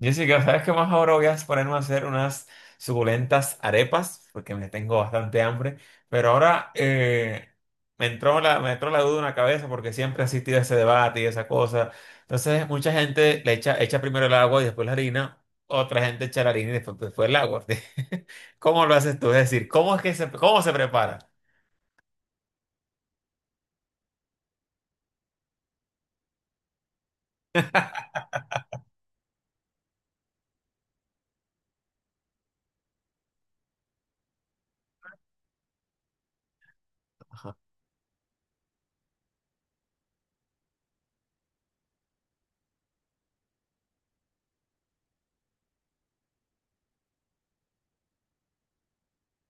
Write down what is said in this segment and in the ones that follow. Jessica, ¿sabes qué más? Ahora voy a ponerme a hacer unas suculentas arepas, porque me tengo bastante hambre. Pero ahora me entró la duda en la cabeza, porque siempre he asistido a ese debate y esa cosa. Entonces, mucha gente echa primero el agua y después la harina. Otra gente echa la harina y después el agua. ¿Cómo lo haces tú? Es decir, ¿cómo es que cómo se prepara?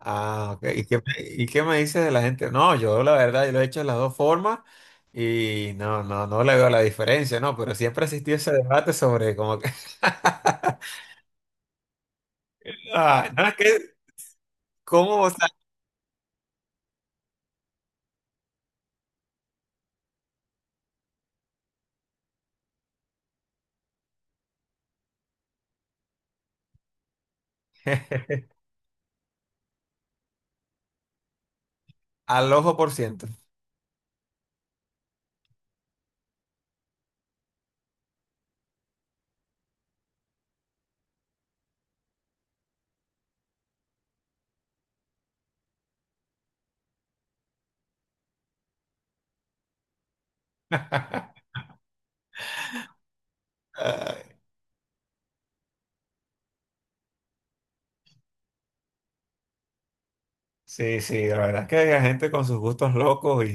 Ah, ok. ¿Y qué, qué me dices de la gente? No, yo la verdad, yo lo he hecho de las dos formas y no le veo la diferencia, ¿no? Pero siempre ha existido ese debate sobre como que... Ah, no, es que, ¿cómo? O sea, al ojo por ciento. Ay, sí, sí, la verdad es que hay gente con sus gustos locos y,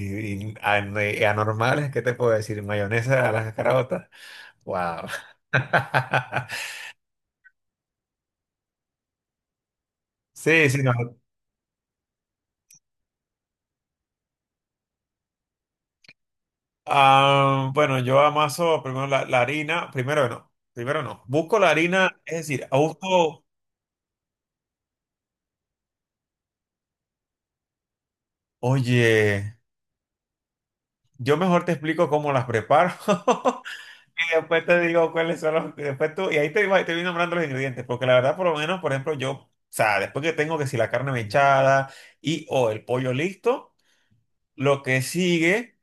y anormales, ¿qué te puedo decir? Mayonesa a las carotas. Wow. Sí, sí, no. Ah, bueno, yo amaso primero la harina, primero no. Busco la harina, es decir, busco, oye, yo mejor te explico cómo las preparo y después te digo cuáles son los, después tú, y ahí te, te voy nombrando los ingredientes, porque la verdad, por lo menos, por ejemplo, yo, o sea, después que tengo que si la carne mechada y o el pollo listo, lo que sigue.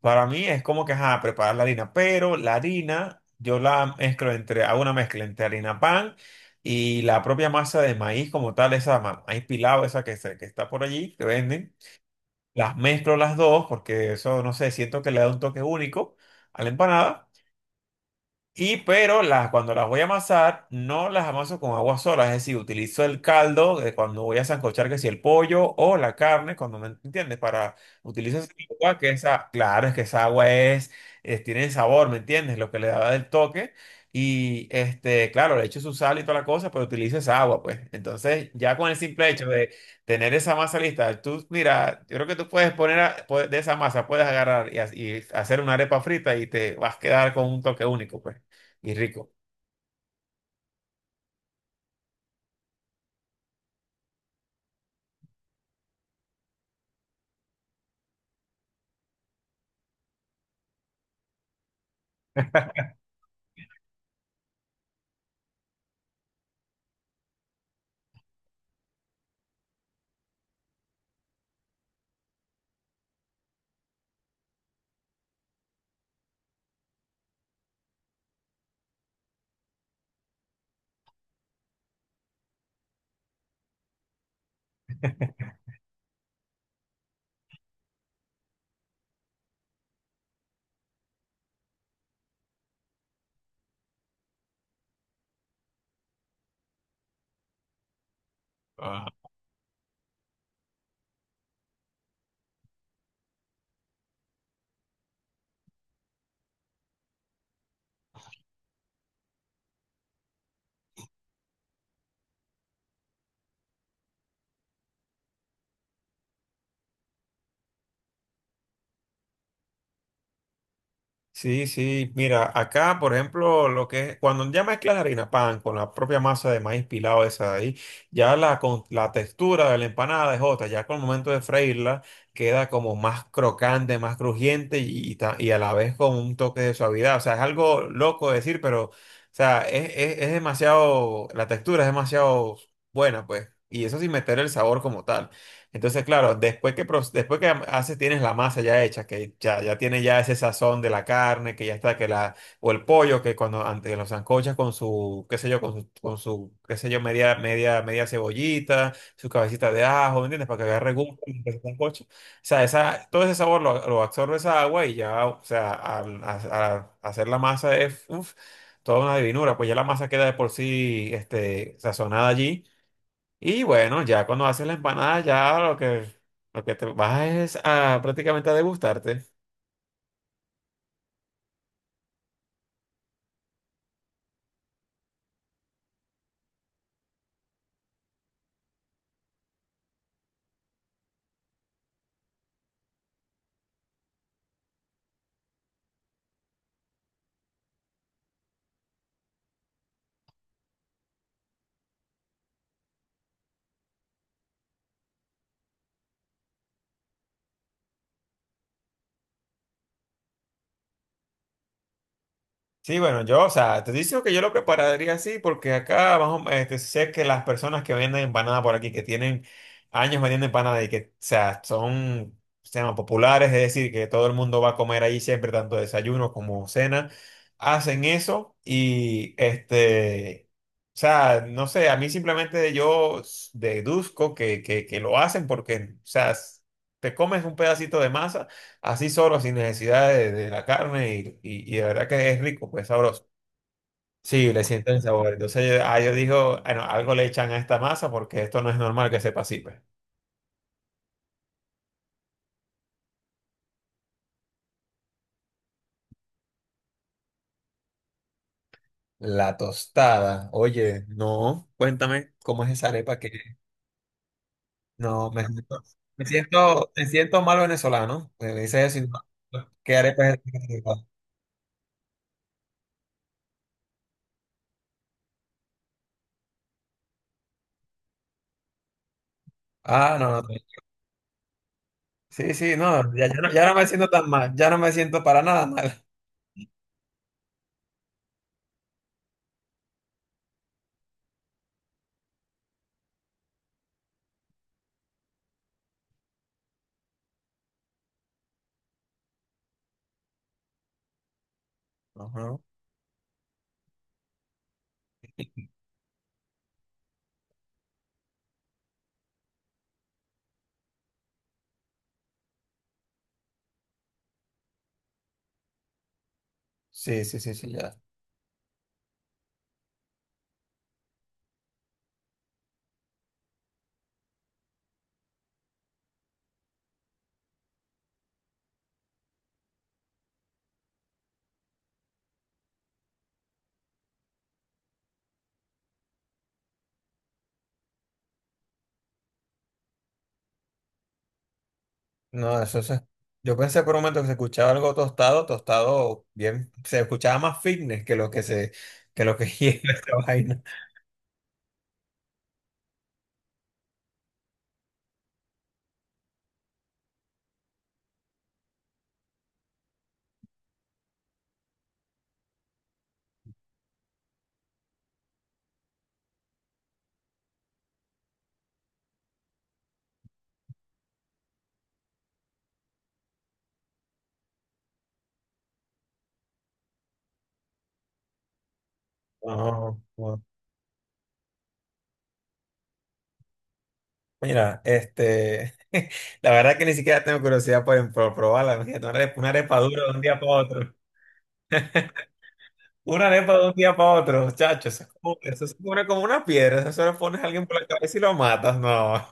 Para mí es como que, ajá, preparar la harina, pero la harina yo la mezclo entre, hago una mezcla entre harina pan y la propia masa de maíz como tal, esa maíz pilado, esa que, que está por allí, que venden. Las mezclo las dos porque eso, no sé, siento que le da un toque único a la empanada. Y pero las, cuando las voy a amasar, no las amaso con agua sola, es decir, utilizo el caldo de cuando voy a sancochar, que si el pollo o la carne, cuando me entiendes, para utilizar esa agua, que esa, claro, es que esa agua tiene sabor, ¿me entiendes? Lo que le da el toque. Y este, claro, le echo su sal y toda la cosa, pero utilizo esa agua, pues. Entonces, ya con el simple hecho de tener esa masa lista, tú, mira, yo creo que tú puedes poner a- puedes- de esa masa, puedes agarrar y, y hacer una arepa frita y te vas a quedar con un toque único, pues y rico. Ajá. Sí, sí, mira, acá, por ejemplo, lo que es, cuando ya mezclas la harina pan con la propia masa de maíz pilado esa de ahí, ya la textura de la empanada es otra, ya con el momento de freírla queda como más crocante, más crujiente y, y a la vez con un toque de suavidad, o sea, es algo loco de decir, pero, o sea, es, es demasiado, la textura es demasiado buena, pues, y eso sin meter el sabor como tal. Entonces, claro, después después que haces, tienes la masa ya hecha, que ya, ya tiene ya ese sazón de la carne, que ya está, que la, o el pollo, que cuando antes los sancochas con su, qué sé yo, con su, qué sé yo, media cebollita, su cabecita de ajo, ¿me entiendes? Para que agarre gusto en el sancocho. O sea, esa, todo ese sabor lo absorbe esa agua y ya, o sea, hacer la masa es, uf, toda una divinura, pues ya la masa queda de por sí, este, sazonada allí. Y bueno, ya cuando haces la empanada, ya lo que te vas es a prácticamente a degustarte. Sí, bueno, yo, o sea, te digo que yo lo prepararía así porque acá vamos, este, sé que las personas que venden empanada por aquí, que tienen años vendiendo empanada y que, o sea, son, se llama, populares, es decir, que todo el mundo va a comer ahí siempre, tanto desayuno como cena, hacen eso y, este, o sea, no sé, a mí simplemente deduzco que, que lo hacen porque, o sea, s- te comes un pedacito de masa así solo, sin necesidad de la carne y, y de verdad que es rico, pues sabroso. Sí, le sienten el sabor. Entonces yo, ah, yo digo, bueno, algo le echan a esta masa porque esto no es normal que sepa así, pues. La tostada, oye, no, cuéntame cómo es esa arepa que no me siento, me siento mal venezolano. Me dices eso y no, ¿qué arepa es esta? Ah, no, no. Sí, sí, no, ya, ya no me siento tan mal, ya no me siento para nada mal. Ajá. Sí, sí, sí, sí, ya. No, eso se... Yo pensé por un momento que se escuchaba algo tostado, tostado bien, se escuchaba más fitness que lo que se, que lo que lleva esta vaina. No, no. Mira, este, la verdad que ni siquiera tengo curiosidad por probarla. Imagínate, una arepa, una arepa dura de un día para otro. Una arepa de un día para otro, chacho. Eso, eso se pone como una piedra. Eso se lo pones a alguien por la cabeza y lo matas. No.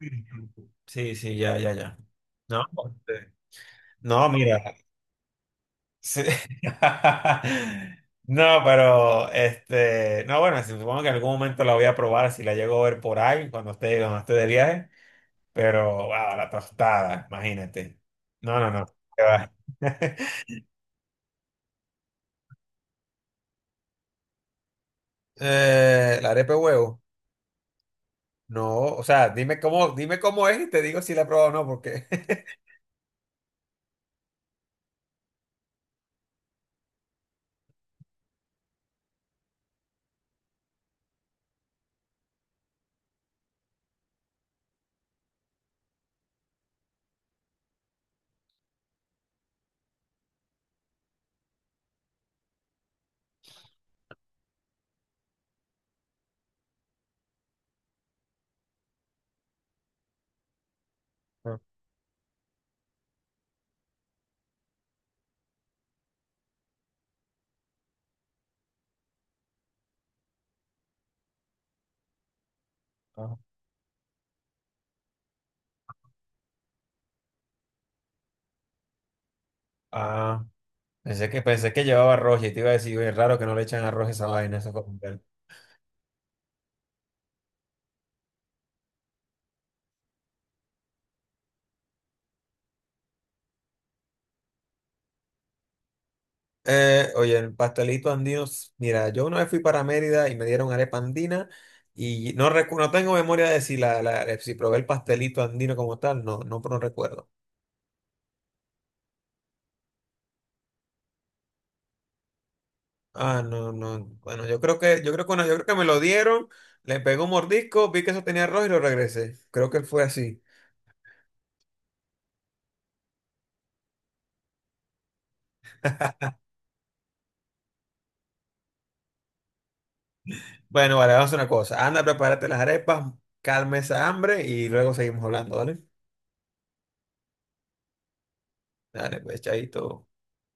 Sí, sí, ya, ya, ya. No, este, no, mira. Sí. No, pero este, no, bueno, supongo que en algún momento la voy a probar si la llego a ver por ahí cuando esté de viaje, pero wow, la tostada, imagínate. No, no, no. Qué va. La arepa de huevo. No, o sea, dime cómo es y te digo si la he probado o no, porque no, no. Ah, pensé que llevaba arroz y te iba a decir, oye, es raro que no le echan arroz a esa vaina, eso eh, oye, el pastelito andino, s- mira, yo una vez fui para Mérida y me dieron arepa andina y no, no tengo memoria de si, si probé el pastelito andino como tal, no, no, no recuerdo. Ah, no, no, bueno, yo creo que, no, yo creo que me lo dieron, le pegué un mordisco, vi que eso tenía arroz y lo regresé. Creo que fue así. Bueno, vale, vamos a hacer una cosa, anda, prepárate las arepas, calma esa hambre y luego seguimos hablando, ¿vale? Dale, pues, chaito.